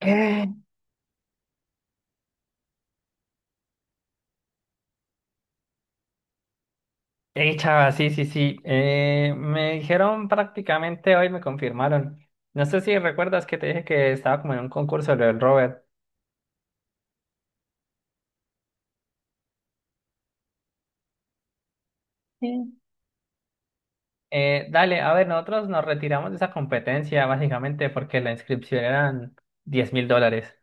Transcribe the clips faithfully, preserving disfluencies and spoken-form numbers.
Eh, eh, chava, sí, sí, sí. Eh, me dijeron prácticamente hoy, me confirmaron. No sé si recuerdas que te dije que estaba como en un concurso lo del Robert. Sí. Eh, dale, a ver, nosotros nos retiramos de esa competencia básicamente porque la inscripción eran diez mil dólares.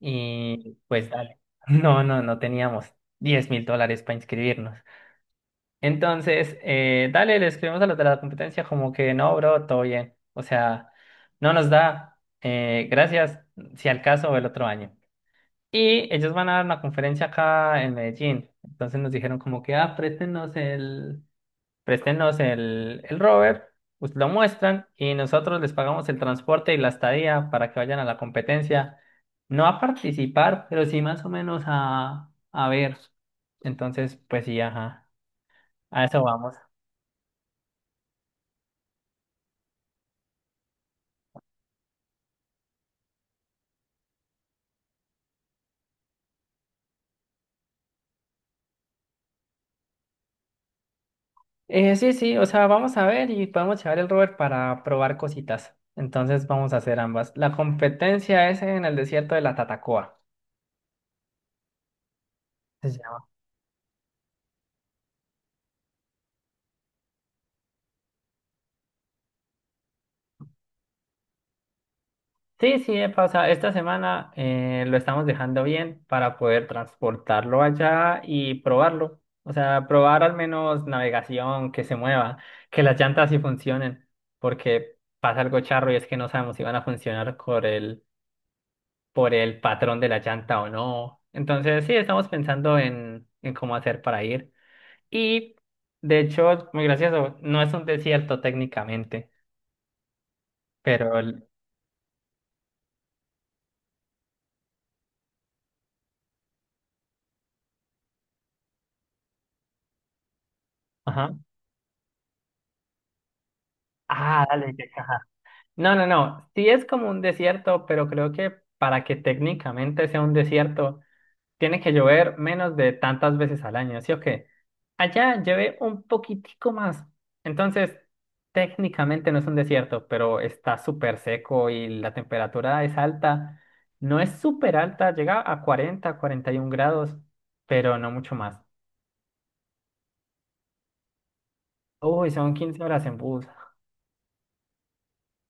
Y pues dale. No, no, no teníamos diez mil dólares para inscribirnos. Entonces, eh, dale, le escribimos a los de la competencia como que no, bro, todo bien. O sea, no nos da. Eh, gracias, si al caso, el otro año. Y ellos van a dar una conferencia acá en Medellín. Entonces nos dijeron como que, ah, préstenos el, préstenos el, el rover, pues lo muestran y nosotros les pagamos el transporte y la estadía para que vayan a la competencia. No a participar, pero sí más o menos a, a ver. Entonces, pues sí, ajá. A eso vamos. Eh, sí, sí, o sea, vamos a ver y podemos llevar el rover para probar cositas. Entonces vamos a hacer ambas. La competencia es en el desierto de la Tatacoa, se llama. Sí, sí, Epa, o sea, esta semana eh, lo estamos dejando bien para poder transportarlo allá y probarlo. O sea, probar al menos navegación, que se mueva, que las llantas sí funcionen, porque pasa algo charro y es que no sabemos si van a funcionar con el por el patrón de la llanta o no. Entonces, sí, estamos pensando en, en cómo hacer para ir. Y, de hecho, muy gracioso, no es un desierto técnicamente, pero... el- Ajá. Ah, dale, qué caja. No, no, no, sí es como un desierto, pero creo que para que técnicamente sea un desierto, tiene que llover menos de tantas veces al año, ¿sí o qué? Allá llevé un poquitico más. Entonces, técnicamente no es un desierto, pero está súper seco y la temperatura es alta. No es súper alta, llega a cuarenta, cuarenta y cuarenta y un grados, pero no mucho más. Uy, son quince horas en bus.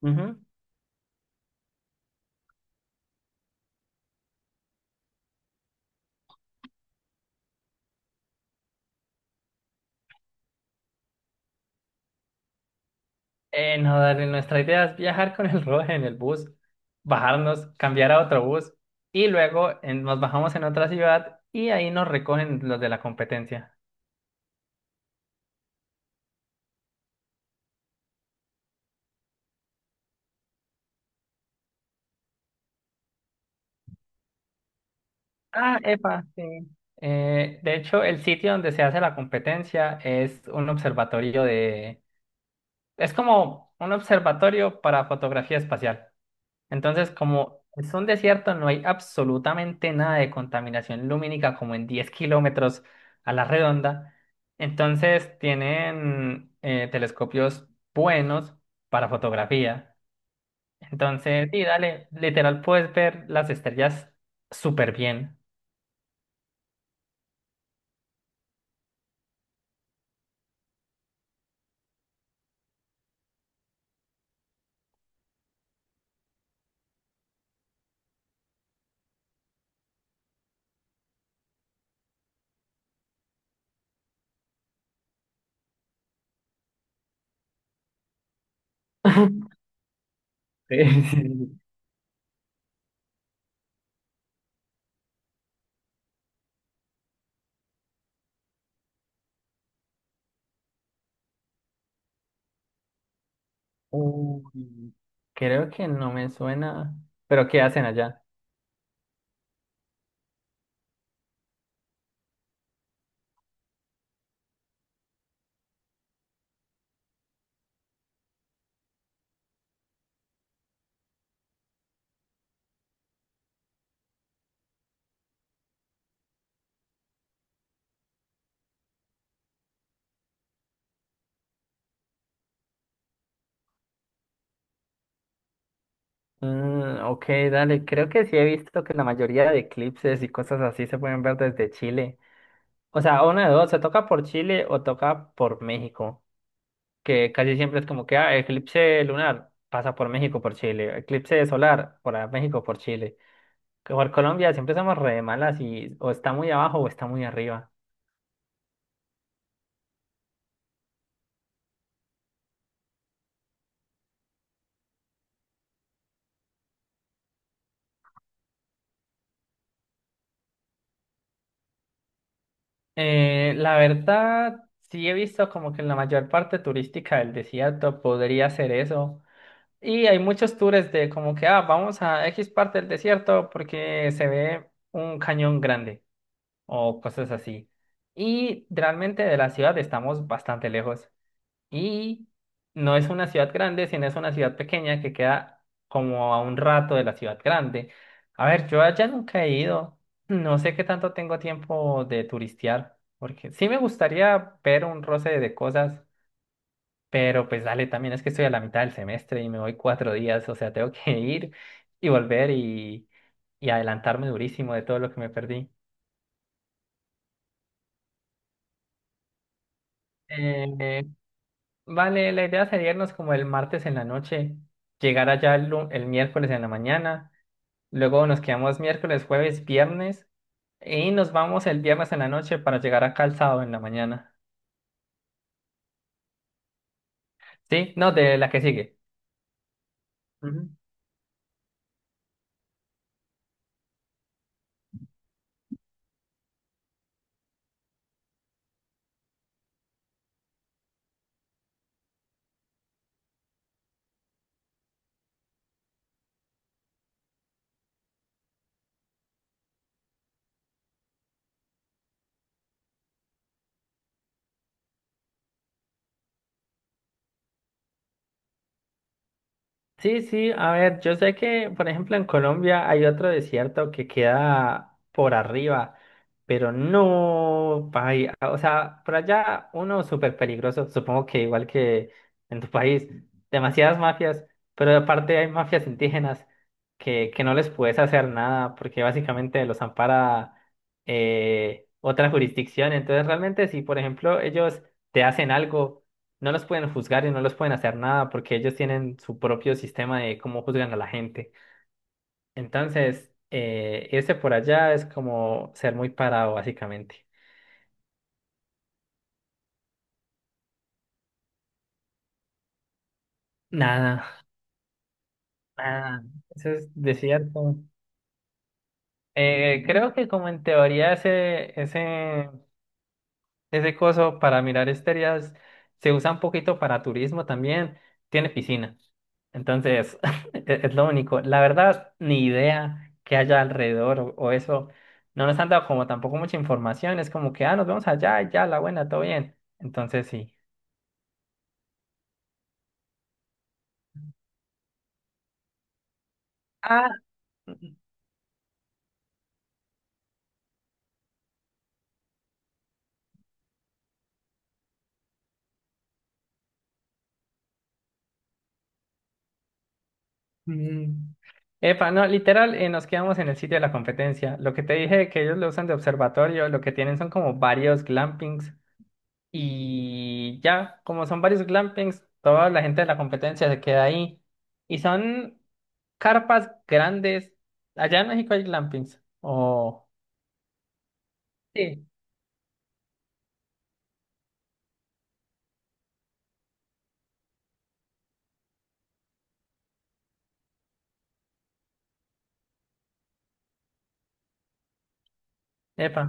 Ujú. Eh, no, dale, nuestra idea es viajar con el roje en el bus, bajarnos, cambiar a otro bus y luego eh, nos bajamos en otra ciudad y ahí nos recogen los de la competencia. Ah, epa, sí. Eh, de hecho, el sitio donde se hace la competencia es un observatorio de... Es como un observatorio para fotografía espacial. Entonces, como es un desierto, no hay absolutamente nada de contaminación lumínica como en diez kilómetros a la redonda. Entonces, tienen eh, telescopios buenos para fotografía. Entonces, sí, dale, literal, puedes ver las estrellas súper bien. Sí. Uy, creo que no me suena. ¿Pero qué hacen allá? Mm, ok, dale. Creo que sí he visto que la mayoría de eclipses y cosas así se pueden ver desde Chile. O sea, una de dos, se toca por Chile o toca por México. Que casi siempre es como que, ah, eclipse lunar pasa por México, por Chile. Eclipse solar por a- México, por Chile. Que Por Colombia siempre somos re malas y o está muy abajo o está muy arriba. Eh, la verdad, sí he visto como que en la mayor parte turística del desierto podría ser eso. Y hay muchos tours de como que, ah, vamos a X parte del desierto porque se ve un cañón grande o cosas así. Y realmente de la ciudad estamos bastante lejos. Y no es una ciudad grande, sino es una ciudad pequeña que queda como a un rato de la ciudad grande. A ver, yo allá nunca he ido. No sé qué tanto tengo tiempo de turistear, porque sí me gustaría ver un roce de cosas, pero pues dale, también es que estoy a la mitad del semestre y me voy cuatro días, o sea, tengo que ir y volver y, y adelantarme durísimo de todo lo que me perdí. Eh, Vale, la idea sería irnos como el martes en la noche, llegar allá el, lu- el miércoles en la mañana, luego nos quedamos miércoles, jueves, viernes y nos vamos el viernes en la noche para llegar acá el sábado en la mañana. ¿Sí? No, de la que sigue. Ujú. Sí, sí, a ver, yo sé que, por ejemplo, en Colombia hay otro desierto que queda por arriba, pero no, ay, o sea, por allá uno súper peligroso, supongo que igual que en tu país, demasiadas mafias, pero aparte hay mafias indígenas que, que no les puedes hacer nada porque básicamente los ampara eh, otra jurisdicción, entonces realmente si, por ejemplo, ellos te hacen algo no los pueden juzgar y no los pueden hacer nada porque ellos tienen su propio sistema de cómo juzgan a la gente. Entonces, eh, irse por allá es como ser muy parado, básicamente. Nada, nada, eso es desierto. Eh, creo que como en teoría ese, ese ese coso para mirar estrellas se usa un poquito para turismo también. Tiene piscina. Entonces, e- es lo único. La verdad, ni idea que haya alrededor o, o eso. No nos han dado como tampoco mucha información. Es como que, ah, nos vemos allá, y ya, la buena, todo bien. Entonces, sí. Ah, mm, epa, no, literal, eh, nos quedamos en el sitio de la competencia. Lo que te dije que ellos lo usan de observatorio, lo que tienen son como varios glampings. Y ya, como son varios glampings, toda la gente de la competencia se queda ahí. Y son carpas grandes. Allá en México hay glampings. O. Sí. Epa,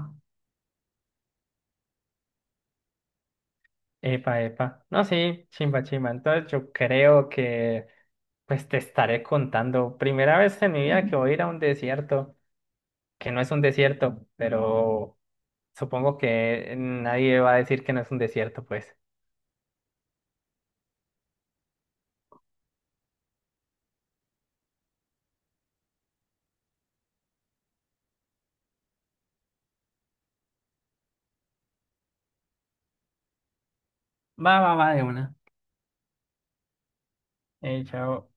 epa, epa. No, sí, chimba, chimba. Entonces yo creo que pues te estaré contando. Primera vez en mi vida que voy a ir a un desierto, que no es un desierto, pero supongo que nadie va a decir que no es un desierto, pues. Va, va, va, de una. Eh, chao.